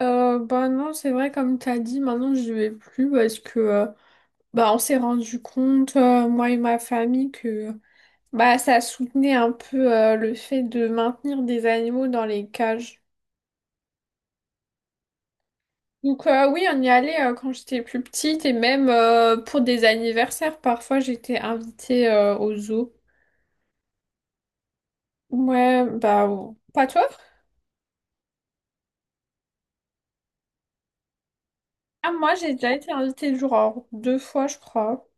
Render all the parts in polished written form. Bah non, c'est vrai, comme t'as dit, maintenant je vais plus parce que bah, on s'est rendu compte, moi et ma famille, que bah, ça soutenait un peu le fait de maintenir des animaux dans les cages. Donc oui, on y allait quand j'étais plus petite et même pour des anniversaires, parfois j'étais invitée au zoo. Ouais, bah bon. Pas toi? Ah, moi j'ai déjà été invitée genre deux fois, je crois.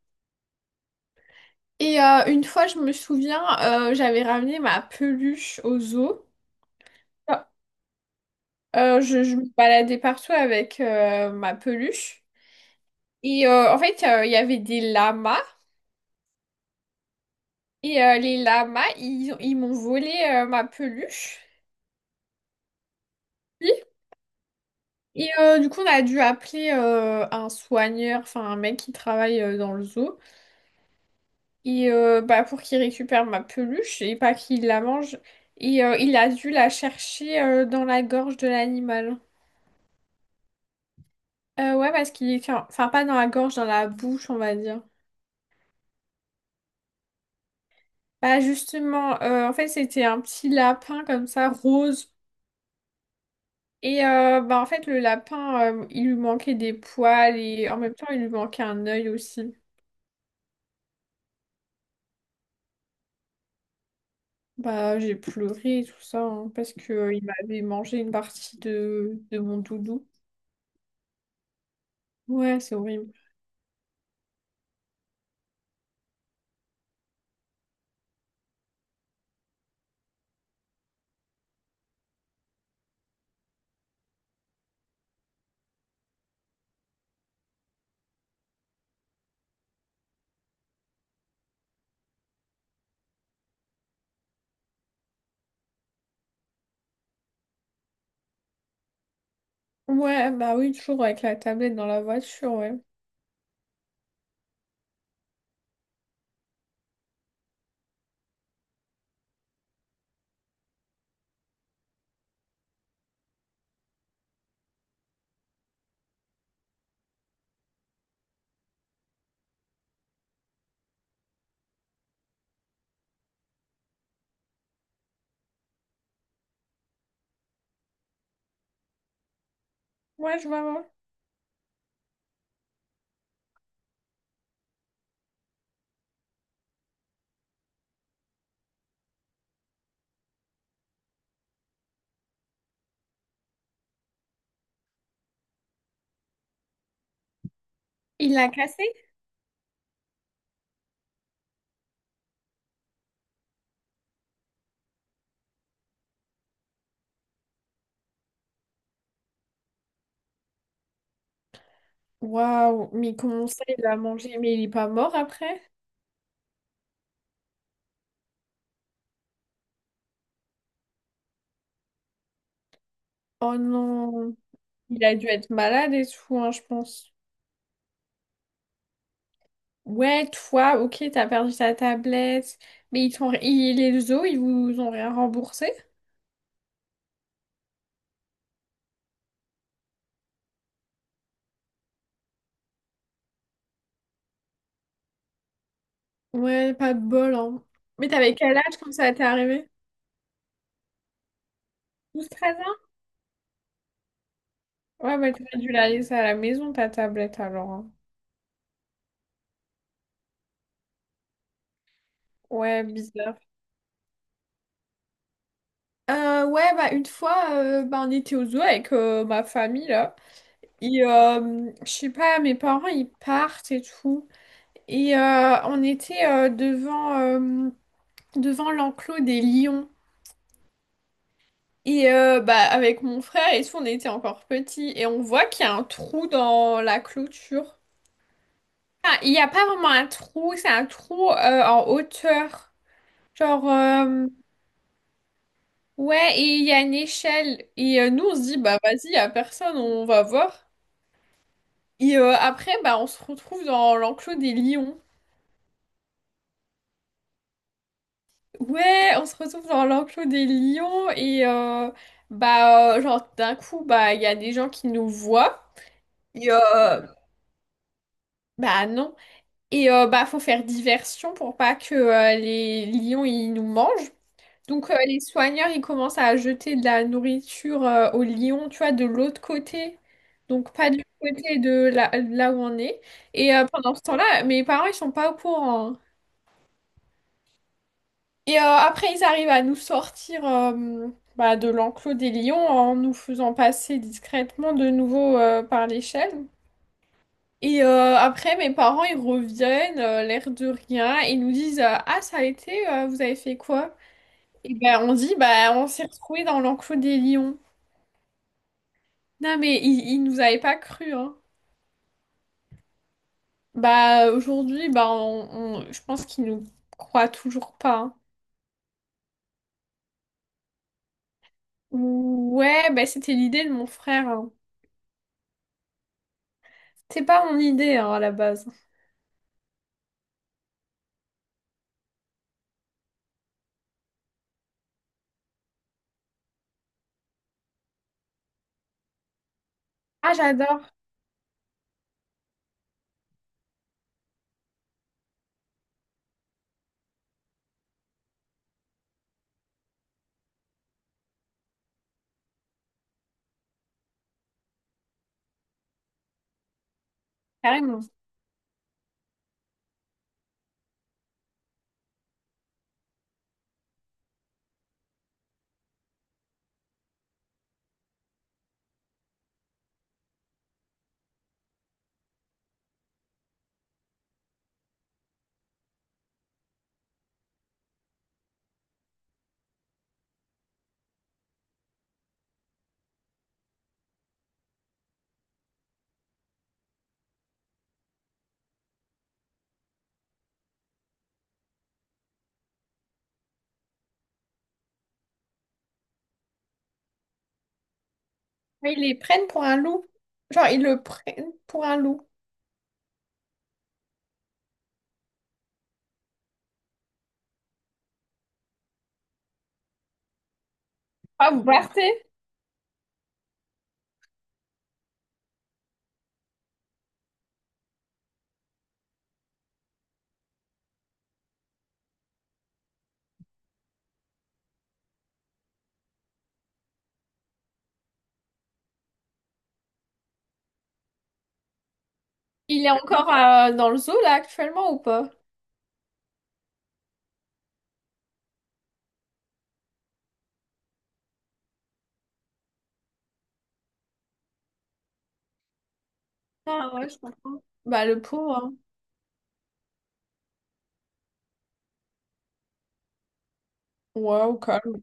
Une fois, je me souviens, j'avais ramené ma peluche au zoo. Je me baladais partout avec ma peluche. En fait, il y avait des lamas. Les lamas, ils m'ont volé ma peluche. Oui. Du coup, on a dû appeler un soigneur, enfin un mec qui travaille dans le zoo. Bah, pour qu'il récupère ma peluche et pas qu'il la mange. Il a dû la chercher dans la gorge de l'animal. Ouais, parce qu'il est... Enfin, pas dans la gorge, dans la bouche, on va dire. Bah justement, en fait, c'était un petit lapin comme ça, rose. Bah en fait, le lapin, il lui manquait des poils et en même temps, il lui manquait un œil aussi. Bah j'ai pleuré et tout ça, hein, parce que il m'avait mangé une partie de mon doudou. Ouais, c'est horrible. Ouais, bah oui, toujours avec la tablette dans la voiture, ouais. Ouais, je vois, ouais. Il l'a cassé? Waouh, mais comment ça, il l'a mangé? Mais il est pas mort après? Oh non, il a dû être malade et tout, hein, je pense. Ouais, toi, ok, t'as perdu ta tablette, mais ils les os, ils vous ont rien remboursé? Ouais, pas de bol, hein. Mais t'avais quel âge quand ça t'est arrivé? Douze, treize ans? Ouais, bah t'aurais dû la laisser à la maison, ta tablette, alors, hein. Ouais, bizarre. Ouais, bah une fois, bah, on était au zoo avec ma famille, là. Je sais pas, mes parents, ils partent et tout. On était devant l'enclos des lions. Bah, avec mon frère et tout, on était encore petits. Et on voit qu'il y a un trou dans la clôture. Ah, il n'y a pas vraiment un trou, c'est un trou en hauteur. Genre, euh, ouais, et il y a une échelle. Nous, on se dit, bah vas-y, il n'y a personne, on va voir. Après, bah, on se retrouve dans l'enclos des lions. Ouais, on se retrouve dans l'enclos des lions et bah genre d'un coup bah il y a des gens qui nous voient et bah non et bah faut faire diversion pour pas que les lions ils nous mangent. Donc les soigneurs ils commencent à jeter de la nourriture aux lions, tu vois, de l'autre côté. Donc pas du côté de là, là où on est. Pendant ce temps-là, mes parents ils sont pas au courant, hein. Après, ils arrivent à nous sortir bah, de l'enclos des lions en nous faisant passer discrètement de nouveau par l'échelle. Après, mes parents, ils reviennent, l'air de rien, et ils nous disent ah, ça a été, vous avez fait quoi? Et ben, on dit bah, on s'est retrouvés dans l'enclos des lions. Non, mais ils nous avaient pas cru, hein. Bah, aujourd'hui, bah, je pense qu'ils nous croient toujours pas, hein. Ouais, bah, c'était l'idée de mon frère, hein. C'était pas mon idée, hein, à la base. Ah, j'adore, carrément. Mais ils les prennent pour un loup. Genre, ils le prennent pour un loup. Ah, vous partez? Il est encore dans le zoo, là, actuellement, ou pas? Ah, ouais, je comprends. Bah, le pauvre, hein. Ouais, au calme.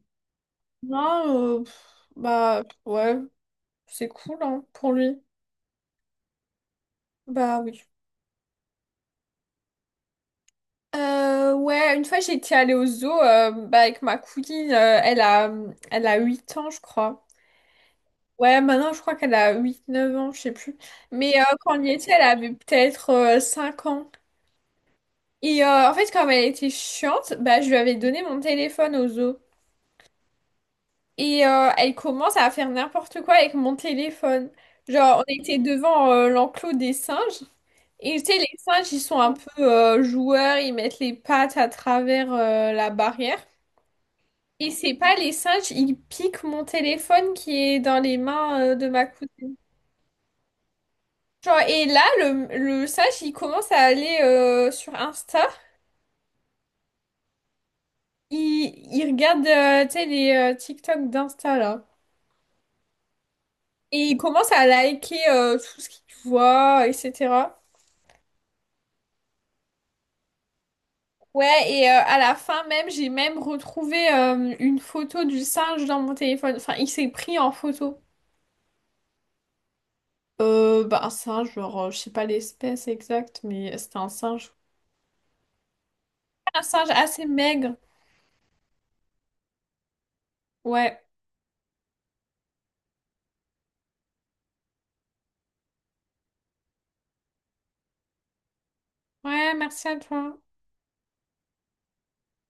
Non, pff, bah, pff, ouais, c'est cool, hein, pour lui. Bah, oui. Ouais, une fois, j'étais allée au zoo bah, avec ma cousine. Elle a 8 ans, je crois. Ouais, maintenant, je crois qu'elle a huit neuf ans, je sais plus. Mais quand on y était, elle avait peut-être 5 ans. En fait, comme elle était chiante, bah, je lui avais donné mon téléphone au zoo. Elle commence à faire n'importe quoi avec mon téléphone. Genre, on était devant l'enclos des singes. Et tu sais, les singes, ils sont un peu joueurs, ils mettent les pattes à travers la barrière. Et c'est pas les singes, ils piquent mon téléphone qui est dans les mains de ma cousine. Genre, et là, le singe, il commence à aller sur Insta. Il regarde, tu sais, les TikTok d'Insta, là. Et il commence à liker tout ce qu'il voit, etc. Ouais, et à la fin même, j'ai même retrouvé une photo du singe dans mon téléphone. Enfin, il s'est pris en photo. Bah, un singe, genre, je sais pas l'espèce exacte, mais c'était un singe. Un singe assez maigre. Ouais. Ouais, merci à toi.